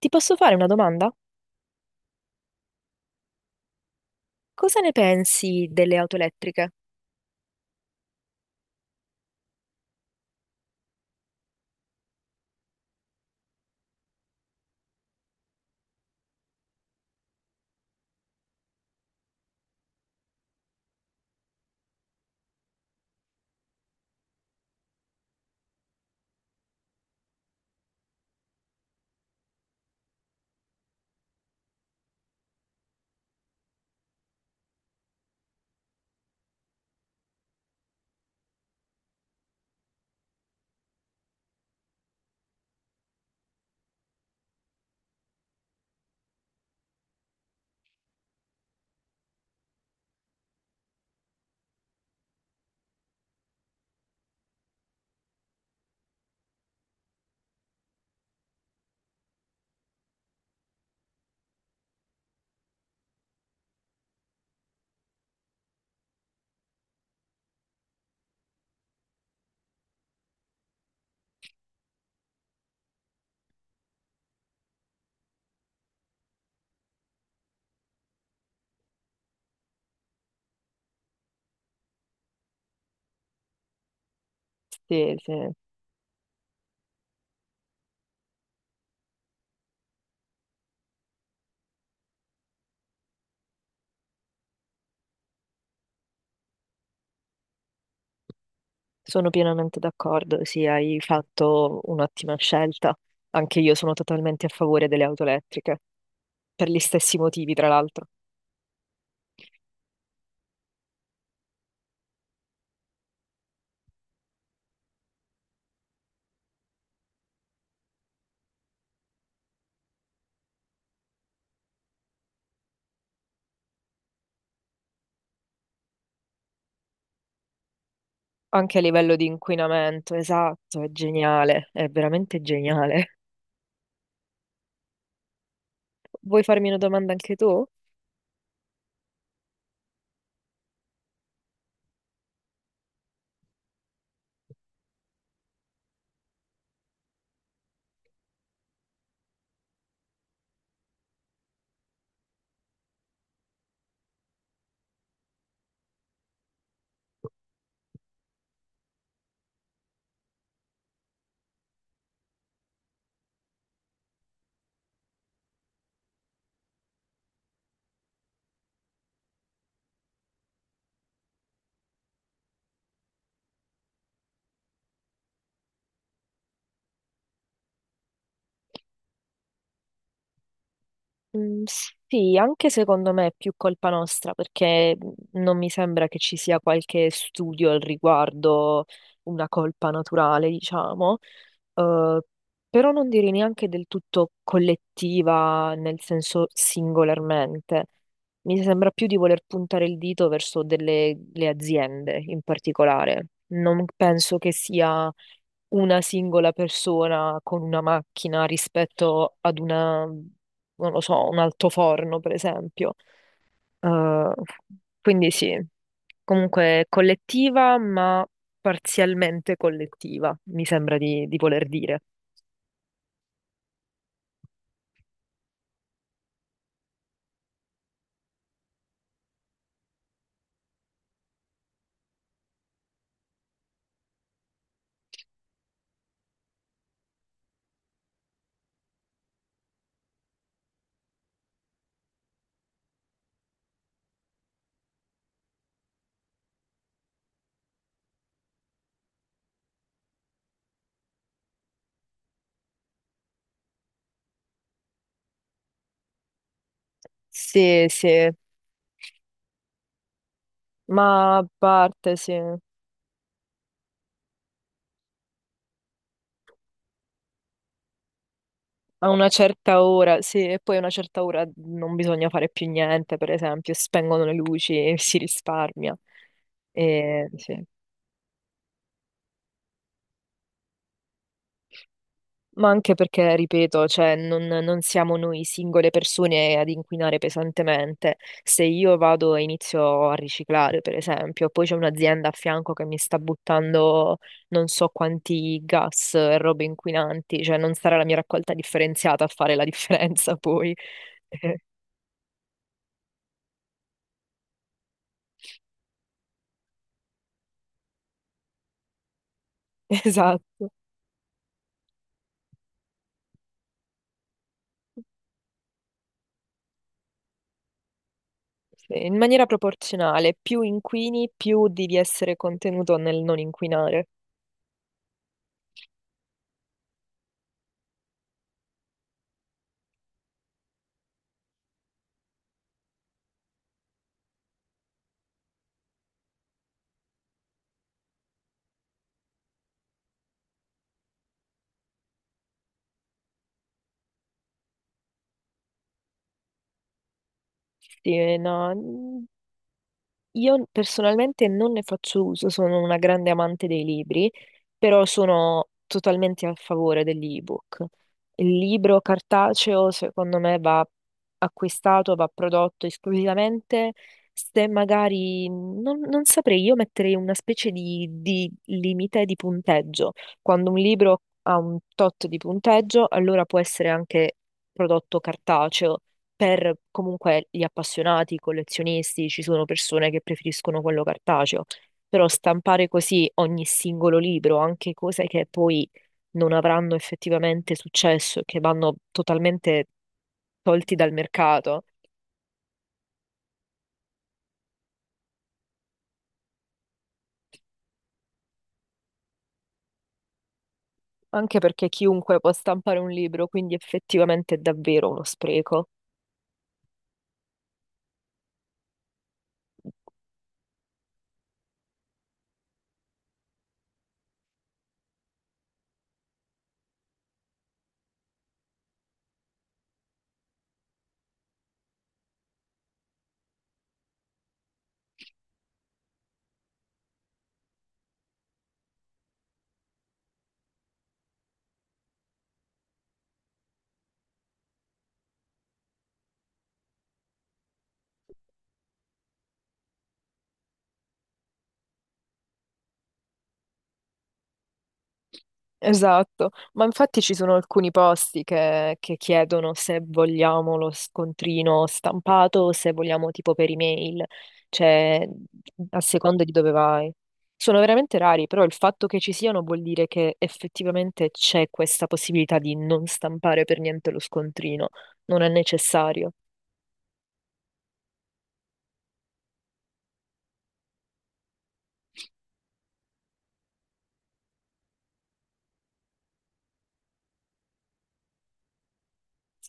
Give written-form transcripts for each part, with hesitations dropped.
Ti posso fare una domanda? Cosa ne pensi delle auto elettriche? Sì, sì, sono pienamente d'accordo, sì, hai fatto un'ottima scelta. Anche io sono totalmente a favore delle auto elettriche, per gli stessi motivi, tra l'altro. Anche a livello di inquinamento, esatto, è geniale, è veramente geniale. Vuoi farmi una domanda anche tu? Mm, sì, anche secondo me è più colpa nostra perché non mi sembra che ci sia qualche studio al riguardo, una colpa naturale, diciamo, Eh, però non direi neanche del tutto collettiva nel senso singolarmente. Mi sembra più di voler puntare il dito verso le aziende in particolare. Non penso che sia una singola persona con una macchina rispetto ad una, non lo so, un altoforno, per esempio. Eh, quindi sì, comunque collettiva, ma parzialmente collettiva, mi sembra di voler dire. Sì, sì, ma a parte, sì, a una certa ora, sì, e poi a una certa ora non bisogna fare più niente, per esempio, spengono le luci, si risparmia. E, sì. Ma anche perché, ripeto, cioè, non siamo noi singole persone ad inquinare pesantemente. Se io vado e inizio a riciclare, per esempio, poi c'è un'azienda a fianco che mi sta buttando non so quanti gas e robe inquinanti, cioè non sarà la mia raccolta differenziata a fare la differenza poi. Eh, esatto. Sì, in maniera proporzionale, più inquini, più devi essere contenuto nel non inquinare. Sì, no. Io personalmente non ne faccio uso, sono una grande amante dei libri, però sono totalmente a favore dell'ebook. Il libro cartaceo, secondo me, va acquistato, va prodotto esclusivamente se magari, non saprei, io metterei una specie di limite di punteggio. Quando un libro ha un tot di punteggio, allora può essere anche prodotto cartaceo per comunque gli appassionati, i collezionisti, ci sono persone che preferiscono quello cartaceo, però stampare così ogni singolo libro, anche cose che poi non avranno effettivamente successo e che vanno totalmente tolti dal mercato, anche perché chiunque può stampare un libro, quindi effettivamente è davvero uno spreco. Esatto, ma infatti ci sono alcuni posti che chiedono se vogliamo lo scontrino stampato o se vogliamo tipo per email, cioè a seconda di dove vai. Sono veramente rari, però il fatto che ci siano vuol dire che effettivamente c'è questa possibilità di non stampare per niente lo scontrino, non è necessario.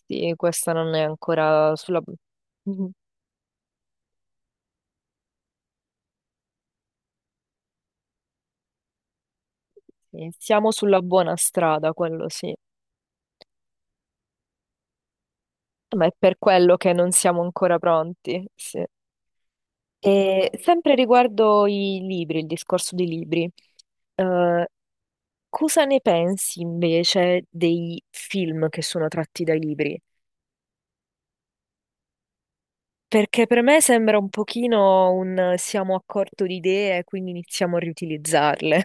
Sì, questa non è ancora sulla... Sì, siamo sulla buona strada, quello sì. Ma è per quello che non siamo ancora pronti, sì. E sempre riguardo i libri, il discorso dei libri, eh, cosa ne pensi invece dei film che sono tratti dai libri? Perché per me sembra un pochino un siamo a corto di idee, quindi iniziamo a riutilizzarle.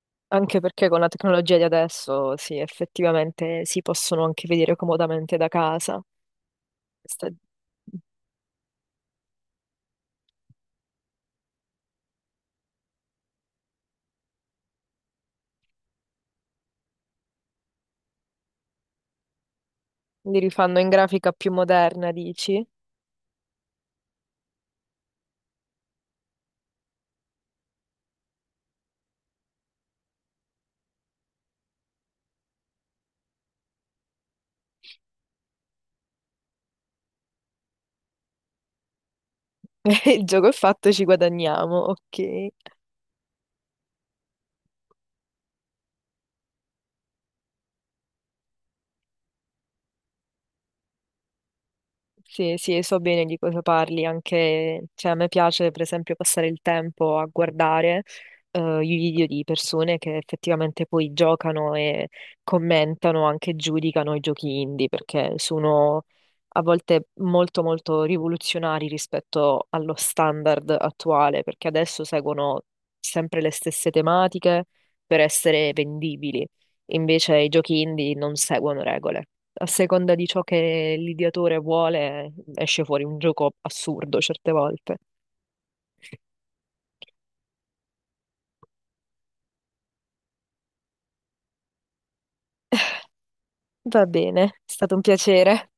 Anche perché con la tecnologia di adesso, sì, effettivamente si possono anche vedere comodamente da casa. Sta- Li rifanno in grafica più moderna, dici? Il gioco è fatto, ci guadagniamo, ok. Sì, sì, so bene di cosa parli, anche, cioè, a me piace per esempio passare il tempo a guardare i video di persone che effettivamente poi giocano e commentano, anche giudicano i giochi indie, perché sono a volte molto molto rivoluzionari rispetto allo standard attuale, perché adesso seguono sempre le stesse tematiche per essere vendibili, invece i giochi indie non seguono regole a seconda di ciò che l'ideatore vuole, esce fuori un gioco assurdo certe volte. Va bene, è stato un piacere.